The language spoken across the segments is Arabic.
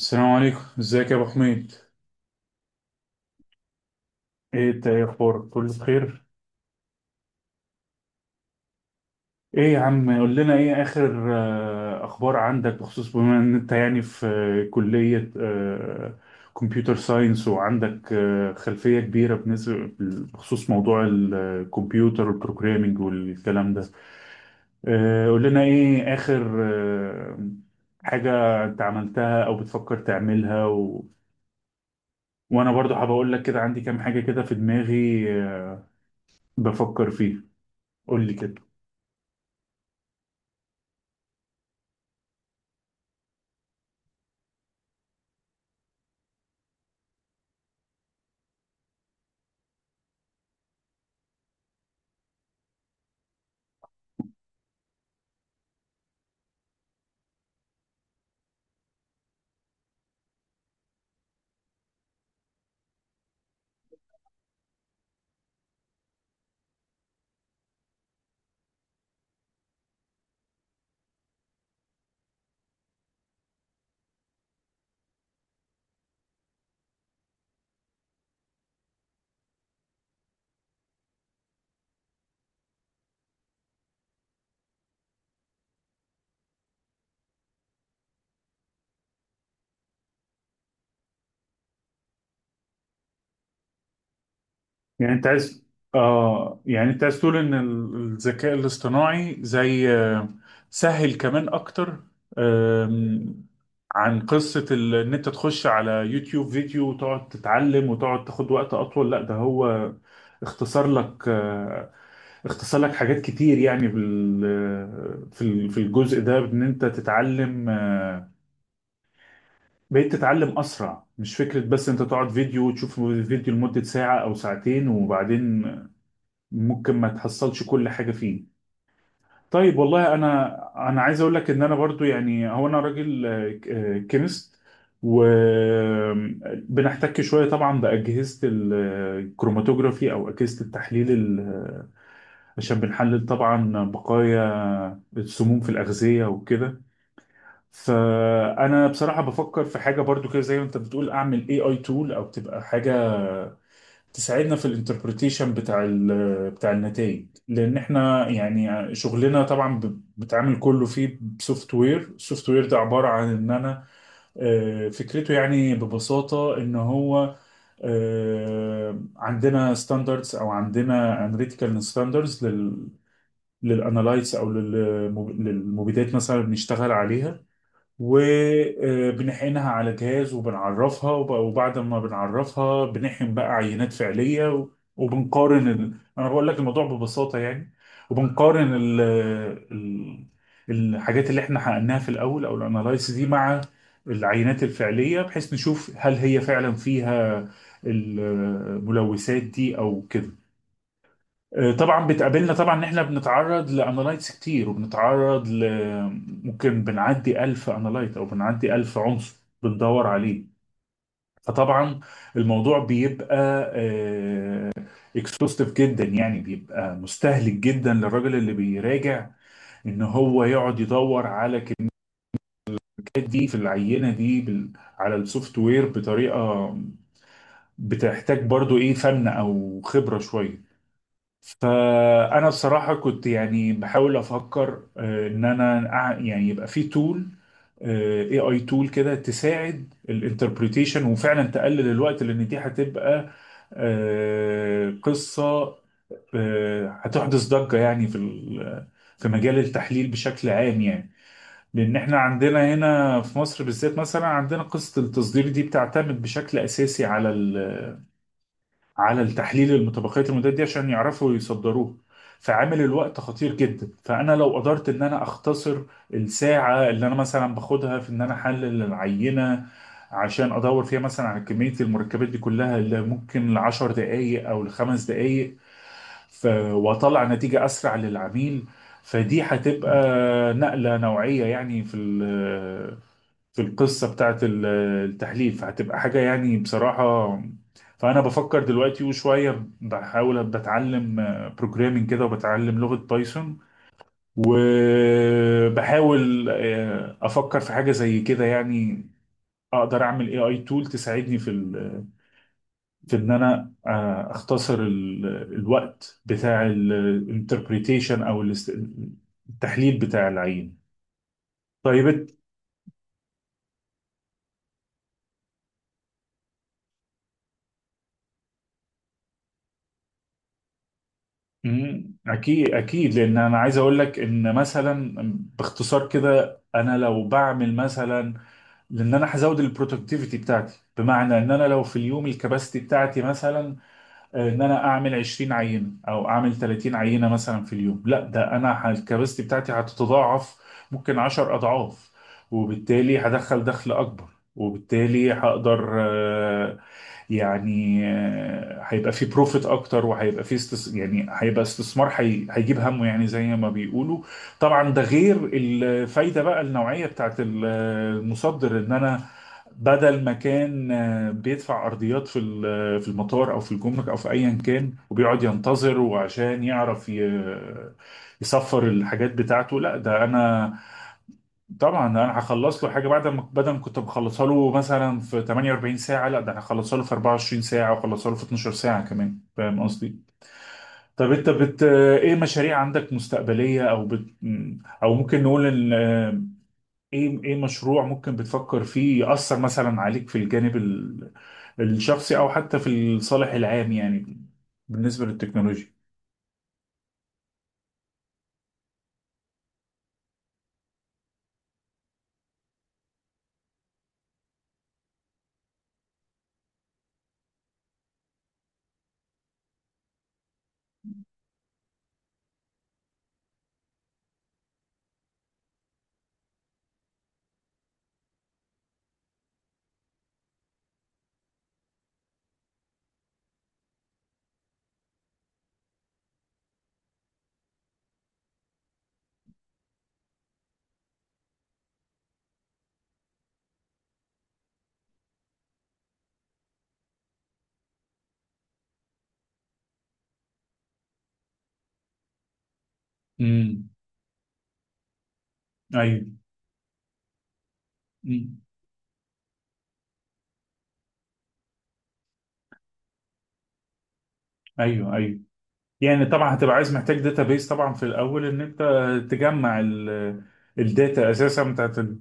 السلام عليكم، ازيك يا ابو حميد؟ ايه انت، ايه اخبارك؟ كله بخير؟ ايه يا عم، قول لنا ايه اخر اخبار عندك بخصوص، بما ان انت يعني في كلية كمبيوتر ساينس وعندك خلفية كبيرة بالنسبة بخصوص موضوع الكمبيوتر والبروجرامينج والكلام ده. قول لنا ايه اخر آه، حاجة انت عملتها او بتفكر تعملها وانا برضو حابب اقول لك كده، عندي كام حاجة كده في دماغي بفكر فيه. قول لي كده. يعني انت عايز، اه يعني انت عايز تقول ان الذكاء الاصطناعي زي سهل كمان اكتر آم، عن قصة ان انت تخش على يوتيوب فيديو وتقعد تتعلم وتقعد تاخد وقت اطول، لا ده هو اختصر لك اختصر لك حاجات كتير، يعني بال في في الجزء ده ان انت تتعلم بقيت تتعلم اسرع، مش فكره بس انت تقعد فيديو وتشوف فيديو لمده ساعه او ساعتين وبعدين ممكن ما تحصلش كل حاجه فيه. طيب والله انا عايز اقول لك ان انا برضو يعني، هو انا راجل كيمست، وبنحتك شويه طبعا باجهزه الكروماتوجرافي او اجهزه التحليل عشان بنحلل طبعا بقايا السموم في الاغذيه وكده. فانا بصراحه بفكر في حاجه برضو كده، زي ما انت بتقول، اعمل اي اي تول او تبقى حاجه تساعدنا في الانتربريتيشن بتاع بتاع النتائج، لان احنا يعني شغلنا طبعا بتعامل كله فيه بسوفت وير. السوفت وير ده عباره عن ان انا فكرته يعني ببساطه ان هو عندنا ستاندردز او عندنا اناليتيكال ستاندردز لل للانالايتس او للمبيدات مثلا بنشتغل عليها وبنحقنها على جهاز وبنعرفها وبعد ما بنعرفها بنحقن بقى عينات فعلية أنا بقول لك الموضوع ببساطة يعني، وبنقارن ال... الحاجات اللي احنا حقناها في الأول أو الأنالايس دي مع العينات الفعلية، بحيث نشوف هل هي فعلا فيها الملوثات دي أو كده. طبعا بتقابلنا طبعا ان احنا بنتعرض لانالايتس كتير وبنتعرض ل ممكن بنعدي 1000 انالايت او بنعدي 1000 عنصر بندور عليه. فطبعا الموضوع بيبقى اكسوستيف جدا، يعني بيبقى مستهلك جدا للراجل اللي بيراجع ان هو يقعد يدور على الكميات دي في العينه دي على السوفت وير بطريقه بتحتاج برضو ايه فن او خبره شويه. فأنا بصراحة كنت يعني بحاول أفكر إن أنا يعني يبقى في تول، اي اي تول كده تساعد الانتربريتيشن وفعلا تقلل الوقت، لأن دي هتبقى قصة هتحدث ضجة يعني في في مجال التحليل بشكل عام يعني. لأن احنا عندنا هنا في مصر بالذات مثلا عندنا قصة التصدير دي بتعتمد بشكل أساسي على على التحليل المتبقيات المدات دي عشان يعرفوا يصدروه. فعامل الوقت خطير جدا، فانا لو قدرت ان انا اختصر الساعه اللي انا مثلا باخدها في ان انا احلل العينه عشان ادور فيها مثلا على كميه المركبات دي كلها اللي ممكن لعشر دقائق او لخمس دقائق ف... واطلع نتيجه اسرع للعميل، فدي هتبقى نقله نوعيه يعني في في القصة بتاعت التحليل، فهتبقى حاجة يعني بصراحة. فأنا بفكر دلوقتي وشوية بحاول بتعلم بروجرامينج كده وبتعلم لغة بايثون، وبحاول أفكر في حاجة زي كده يعني، أقدر أعمل اي اي تول تساعدني في في إن أنا أختصر الوقت بتاع الانتربريتيشن أو التحليل بتاع العين. طيب، اكيد لان انا عايز اقول لك ان مثلا، باختصار كده، انا لو بعمل مثلا، لان انا هزود البرودكتيفيتي بتاعتي، بمعنى ان انا لو في اليوم الكباستي بتاعتي مثلا ان انا اعمل 20 عينه او اعمل 30 عينه مثلا في اليوم، لا ده انا الكباستي بتاعتي هتتضاعف ممكن 10 اضعاف، وبالتالي هدخل دخل اكبر، وبالتالي هقدر يعني هيبقى في بروفيت اكتر وهيبقى في يعني هيبقى استثمار هيجيب همه يعني، زي ما بيقولوا. طبعا ده غير الفايده بقى النوعيه بتاعت المصدر، ان انا بدل ما كان بيدفع ارضيات في في المطار او في الجمرك او في ايا كان وبيقعد ينتظر وعشان يعرف يصفر الحاجات بتاعته، لا ده انا طبعا انا هخلص له حاجه بعد، ما بدل ما كنت مخلصها له مثلا في 48 ساعه لا ده انا هخلصها له في 24 ساعه، وخلصها له في 12 ساعه كمان، فاهم قصدي؟ طب انت ايه مشاريع عندك مستقبليه او او ممكن نقول ان ايه، ايه مشروع ممكن بتفكر فيه يأثر مثلا عليك في الجانب الشخصي او حتى في الصالح العام يعني، بالنسبة للتكنولوجيا؟ امم. ايوه. مم. ايوه، ايوه. يعني طبعا هتبقى عايز محتاج داتابيس طبعا في الاول، ان انت تجمع الداتا اساسا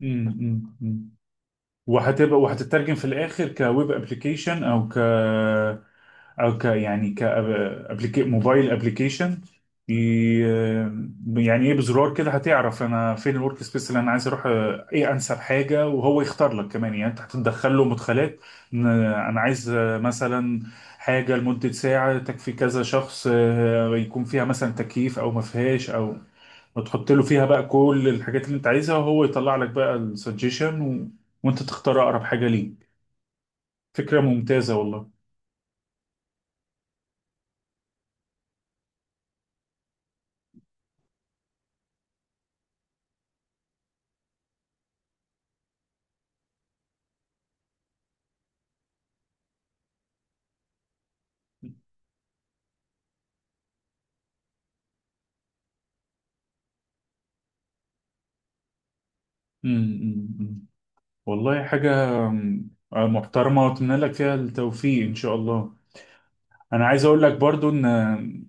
مم. مم. وهتبقى وهتترجم في الاخر كويب ابلكيشن او ك، او ك يعني ك موبايل ابلكيشن. يعني ايه، بزرار كده هتعرف انا فين الورك سبيس اللي انا عايز اروح، ايه انسب حاجه، وهو يختار لك كمان. يعني انت هتدخل له مدخلات إن انا عايز مثلا حاجه لمده ساعه تكفي كذا شخص، يكون فيها مثلا تكييف او ما فيهاش او، وتحط له فيها بقى كل الحاجات اللي انت عايزها وهو يطلع لك بقى السجيشن وانت تختار اقرب حاجة ليك. فكرة ممتازة والله. امم. والله حاجة محترمة، واتمنى لك فيها التوفيق ان شاء الله. انا عايز اقول لك برضو ان،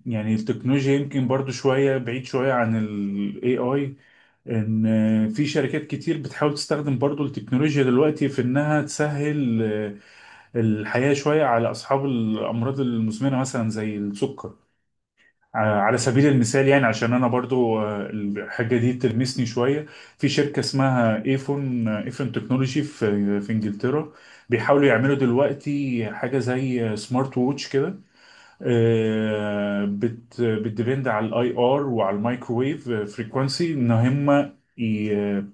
يعني التكنولوجيا يمكن برضو شوية بعيد شوية عن ال AI، ان في شركات كتير بتحاول تستخدم برضو التكنولوجيا دلوقتي في انها تسهل الحياة شوية على اصحاب الامراض المزمنة مثلا زي السكر، على سبيل المثال يعني، عشان انا برضو الحاجه دي تلمسني شويه. في شركه اسمها ايفون، ايفون تكنولوجي في في انجلترا، بيحاولوا يعملوا دلوقتي حاجه زي سمارت ووتش كده، آه، بت بتديبند على الاي ار وعلى الميكروويف فريكوانسي ان هم ي-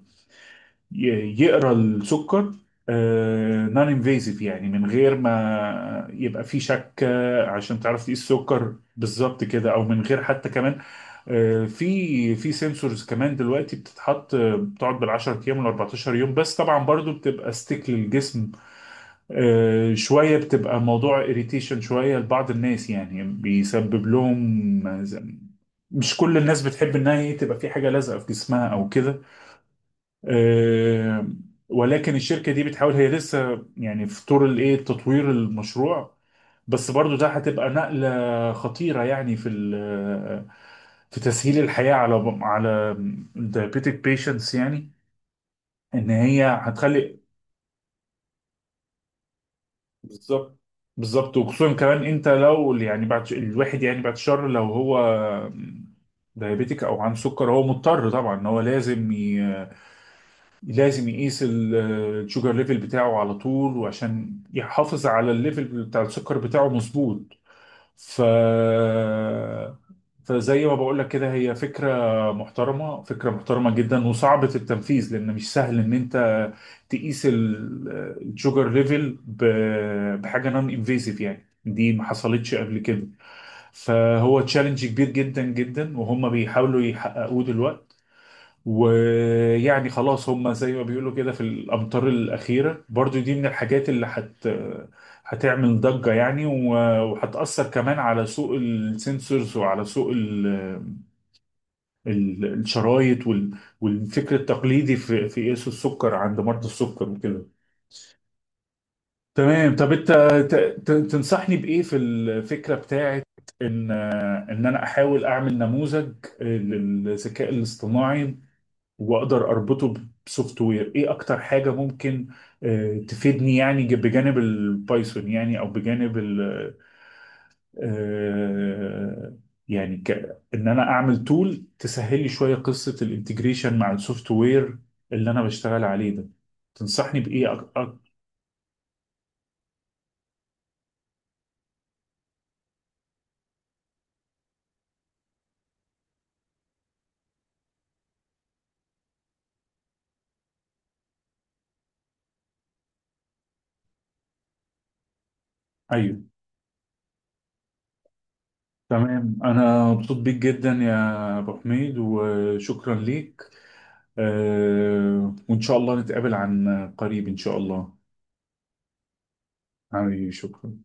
يقرا السكر نون انفيزيف، يعني من غير ما يبقى في شك، عشان تعرف تقيس السكر بالظبط كده او من غير حتى كمان. في في سنسورز كمان دلوقتي بتتحط، بتقعد بال 10 ايام وال 14 يوم، بس طبعا برضو بتبقى ستيك للجسم شويه، بتبقى موضوع اريتيشن شويه لبعض الناس، يعني بيسبب لهم مش كل الناس بتحب انها هي تبقى في حاجه لازقه في جسمها او كده. آه، ولكن الشركه دي بتحاول، هي لسه يعني في طور الايه تطوير المشروع، بس برضو ده هتبقى نقلة خطيرة يعني في في تسهيل الحياة على على diabetic patients يعني، ان هي هتخلي. بالظبط، بالظبط، وخصوصا كمان انت لو يعني بعد الواحد يعني بعد الشر لو هو دايابيتيك او عنده سكر، هو مضطر طبعا ان هو لازم لازم يقيس الشوجر ليفل بتاعه على طول، وعشان يحافظ على الليفل بتاع السكر بتاعه مظبوط. ف فزي ما بقول لك كده، هي فكرة محترمة، فكرة محترمة جدا، وصعبة التنفيذ، لأن مش سهل إن أنت تقيس الشوجر ليفل بحاجة نون انفيزيف، يعني دي ما حصلتش قبل كده. فهو تشالنج كبير جدا جدا، وهم بيحاولوا يحققوه دلوقتي. ويعني خلاص هم زي ما بيقولوا كده في الأمطار الأخيرة برضو، دي من الحاجات اللي هتعمل ضجة يعني، وهتأثر كمان على سوق السنسورز وعلى سوق الشرايط والفكر التقليدي في في قياس السكر عند مرضى السكر وكده. تمام. طب انت تنصحني بإيه في الفكرة بتاعت ان انا احاول اعمل نموذج للذكاء الاصطناعي واقدر اربطه بسوفت وير؟ ايه اكتر حاجه ممكن تفيدني، يعني بجانب البايثون يعني، او بجانب ال آه، يعني ان انا اعمل تول تسهل لي شويه قصه الانتجريشن مع السوفت وير اللي انا بشتغل عليه ده، تنصحني بايه ايوه. تمام، انا مبسوط بيك جدا يا ابو حميد، وشكرا ليك. وان شاء الله نتقابل عن قريب ان شاء الله. حبيبي، شكرا.